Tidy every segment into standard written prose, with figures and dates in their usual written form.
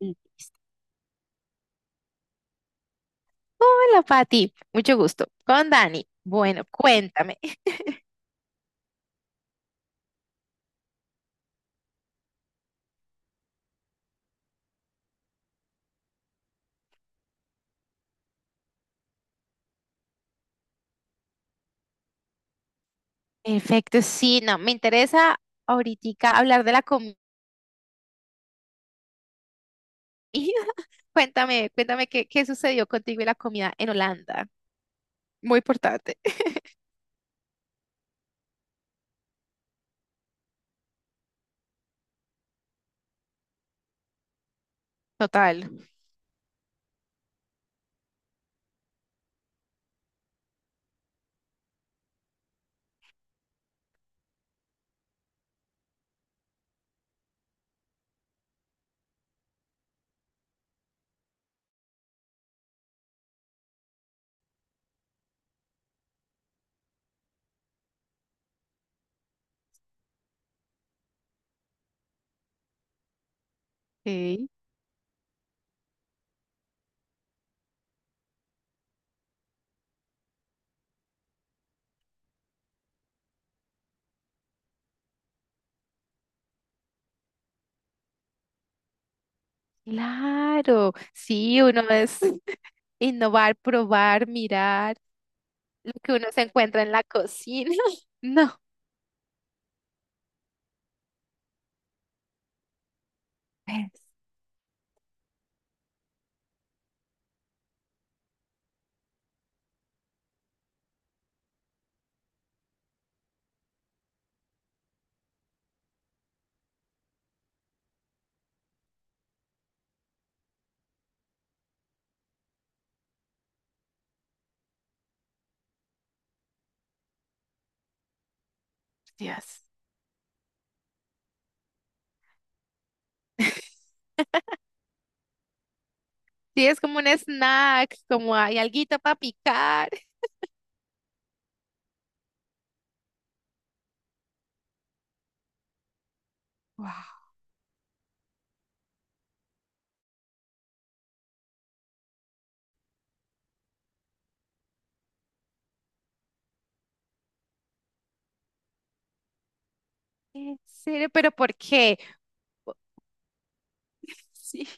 Listo. Hola, Pati. Mucho gusto. Con Dani. Bueno, cuéntame. Perfecto, sí, no, me interesa ahorita hablar de la comida. Cuéntame, cuéntame qué sucedió contigo y la comida en Holanda. Muy importante. Total. Ok. Claro, sí, uno es innovar, probar, mirar lo que uno se encuentra en la cocina. No, pues, Dios. Sí, es como un snack, como hay alguito para picar. Wow. ¿En serio? ¿Pero por qué? O- Sí,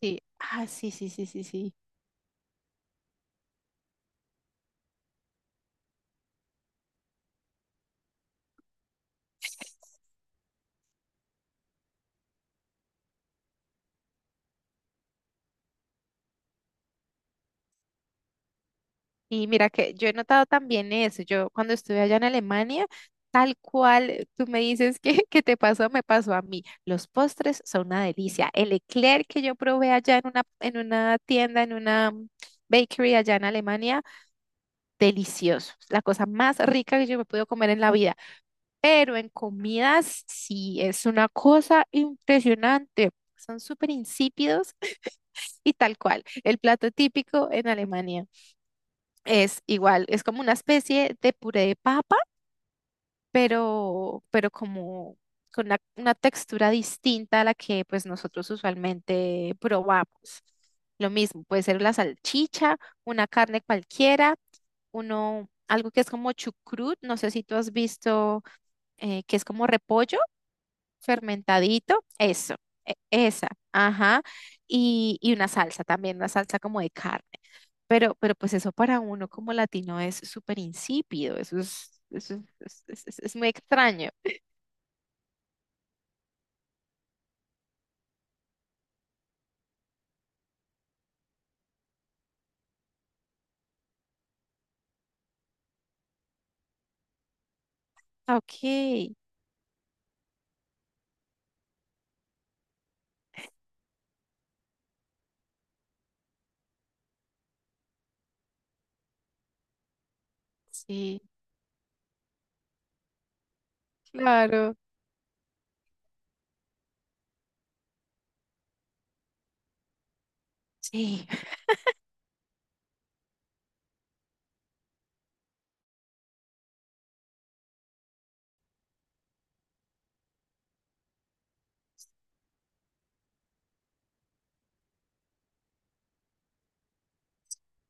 sí, ah, sí, sí, sí, sí, sí. Y mira que yo he notado también eso. Yo cuando estuve allá en Alemania, tal cual tú me dices que te pasó, me pasó a mí. Los postres son una delicia. El eclair que yo probé allá en una tienda, en una bakery allá en Alemania, delicioso. La cosa más rica que yo me pude comer en la vida. Pero en comidas sí es una cosa impresionante. Son súper insípidos. Y tal cual, el plato típico en Alemania es igual, es como una especie de puré de papa, pero como con una textura distinta a la que pues nosotros usualmente probamos. Lo mismo, puede ser la salchicha, una carne cualquiera, uno, algo que es como chucrut, no sé si tú has visto que es como repollo. Fermentadito, eso, esa, ajá. Y una salsa también, una salsa como de carne. Pero pues eso para uno como latino es súper insípido, eso es, es muy extraño. Ah, ok. Sí, claro. Sí.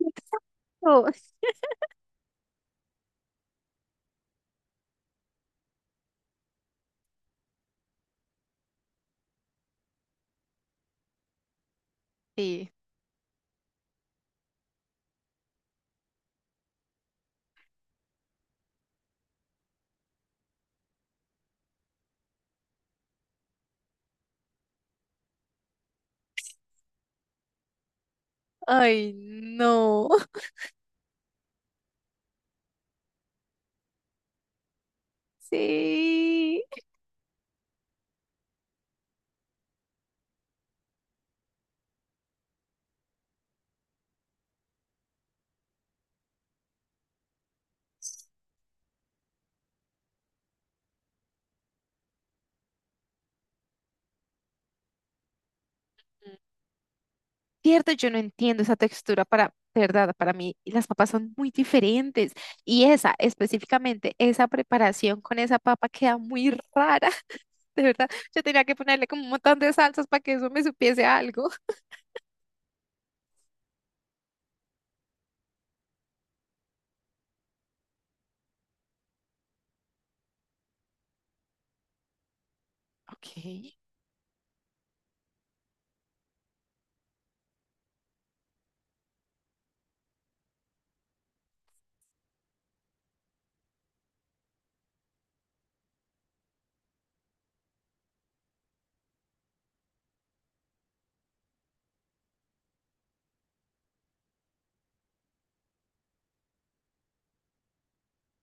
Eso. Sí. Ay, no. Sí. Cierto, yo no entiendo esa textura para, de verdad, para mí las papas son muy diferentes y esa, específicamente, esa preparación con esa papa queda muy rara, de verdad. Yo tenía que ponerle como un montón de salsas para que eso me supiese a algo. Ok,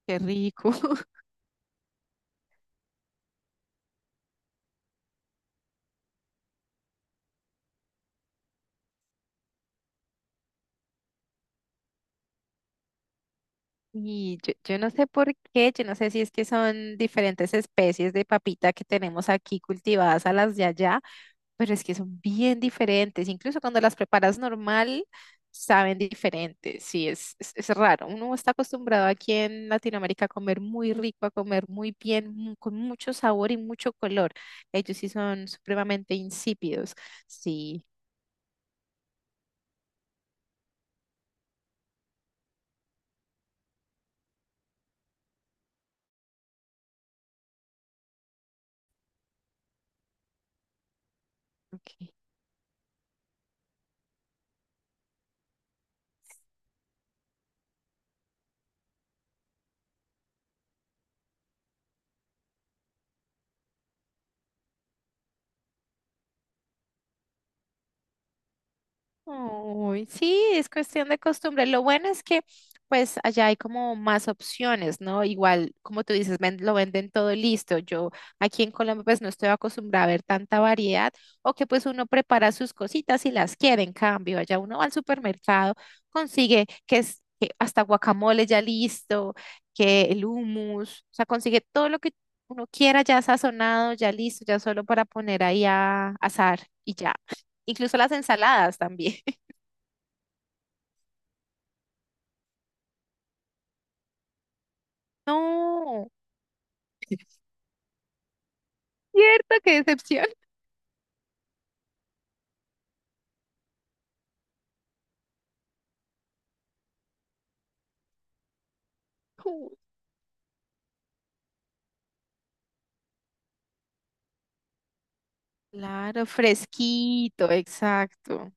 qué rico. Y yo no sé por qué, yo no sé si es que son diferentes especies de papita que tenemos aquí cultivadas a las de allá, pero es que son bien diferentes. Incluso cuando las preparas normal, saben diferentes. Sí, es, es raro. Uno está acostumbrado aquí en Latinoamérica a comer muy rico, a comer muy bien, con mucho sabor y mucho color. Ellos sí son supremamente insípidos. Sí, ok. Uy, sí, es cuestión de costumbre. Lo bueno es que pues allá hay como más opciones, ¿no? Igual, como tú dices, lo venden todo listo. Yo aquí en Colombia pues no estoy acostumbrada a ver tanta variedad o que pues uno prepara sus cositas y las quiere. En cambio, allá uno va al supermercado, consigue que es que hasta guacamole ya listo, que el hummus, o sea, consigue todo lo que uno quiera ya sazonado, ya listo, ya solo para poner ahí a asar y ya. Incluso las ensaladas también. No. Cierto, qué decepción. Claro, fresquito, exacto.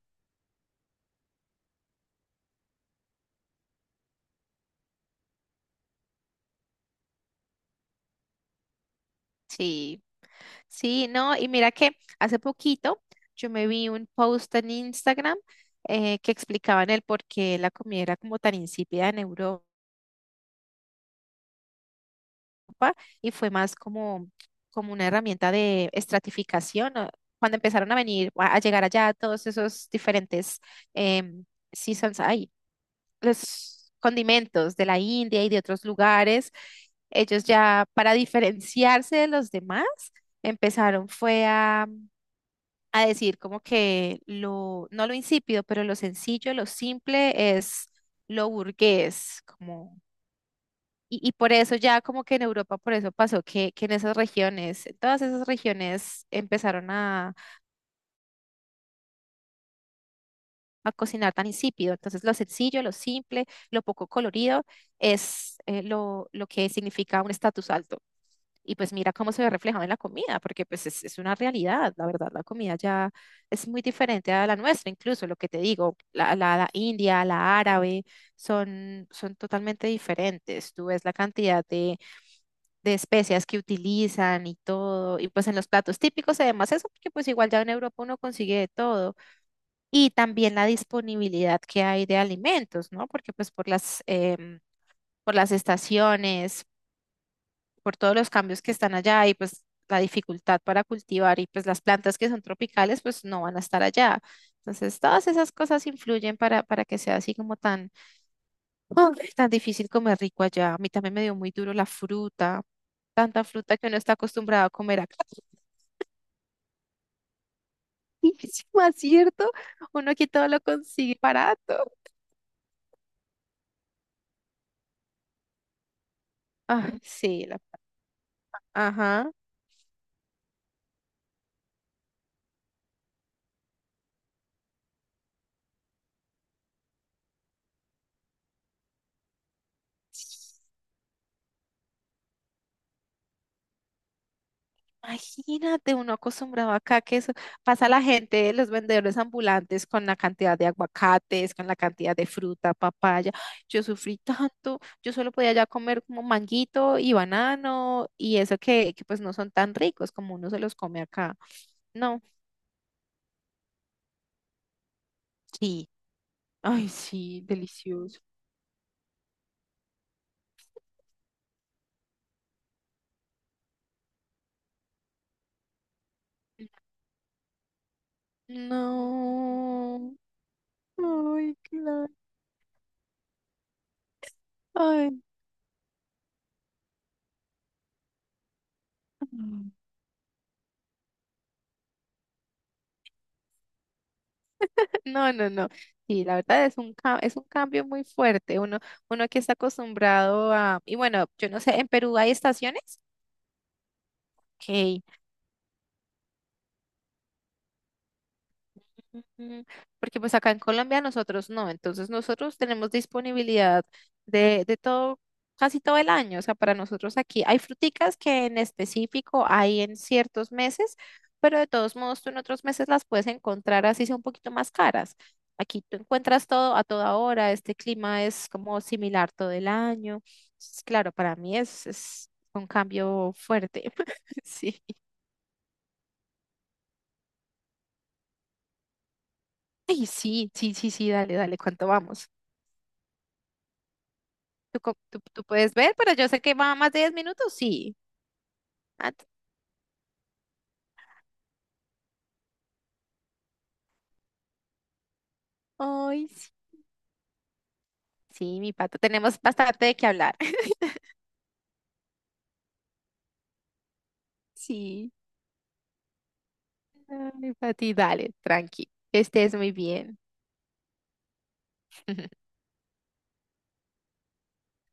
Sí, sí, no, y mira que hace poquito yo me vi un post en Instagram, que explicaban el por qué la comida era como tan insípida en Europa y fue más como, como una herramienta de estratificación, ¿no? Cuando empezaron a venir, a llegar allá todos esos diferentes em, seasons, ay, los condimentos de la India y de otros lugares. Ellos ya para diferenciarse de los demás empezaron fue a decir como que lo, no lo insípido, pero lo sencillo, lo simple es lo burgués, como... Y, y por eso ya como que en Europa, por eso pasó que en esas regiones, en todas esas regiones empezaron a cocinar tan insípido. Entonces, lo sencillo, lo simple, lo poco colorido es lo que significa un estatus alto. Y pues mira cómo se ve reflejado en la comida, porque pues es una realidad, la verdad, la comida ya es muy diferente a la nuestra, incluso lo que te digo, la, la india, la árabe, son, son totalmente diferentes. Tú ves la cantidad de especias que utilizan y todo, y pues en los platos típicos además eso, porque pues igual ya en Europa uno consigue de todo y también la disponibilidad que hay de alimentos, ¿no? Porque pues por las, por las estaciones, por todos los cambios que están allá y pues la dificultad para cultivar y pues las plantas que son tropicales pues no van a estar allá. Entonces todas esas cosas influyen para que sea así como tan, ¡ah! Tan difícil comer rico allá. A mí también me dio muy duro la fruta, tanta fruta que uno está acostumbrado a comer acá. Más cierto, uno aquí todo lo consigue barato. Ah, sí, la, ajá. Imagínate, uno acostumbrado acá que eso pasa la gente, los vendedores ambulantes con la cantidad de aguacates, con la cantidad de fruta, papaya. Yo sufrí tanto, yo solo podía ya comer como manguito y banano y eso que pues no son tan ricos como uno se los come acá. No, sí, ay, sí, delicioso. No, ay, claro, ay, no. No, no, no. Sí, la verdad es un, es un cambio muy fuerte. Uno, uno que está acostumbrado a... Y bueno, yo no sé, ¿en Perú hay estaciones? Ok. Ujú. Porque pues acá en Colombia nosotros no, entonces nosotros tenemos disponibilidad de todo, casi todo el año, o sea, para nosotros aquí hay fruticas que en específico hay en ciertos meses, pero de todos modos tú en otros meses las puedes encontrar así sea un poquito más caras. Aquí tú encuentras todo a toda hora, este clima es como similar todo el año. Entonces, claro, para mí es un cambio fuerte. Sí. Ay, sí, sí, sí, sí, dale, dale, ¿cuánto vamos? ¿Tú, tú, tú puedes ver? Pero yo sé que va más de 10 minutos, sí. Ah, t- Ay, sí, sí, mi pato, tenemos bastante de qué hablar. Sí. Ay, Pati, dale, tranqui, que estés muy bien.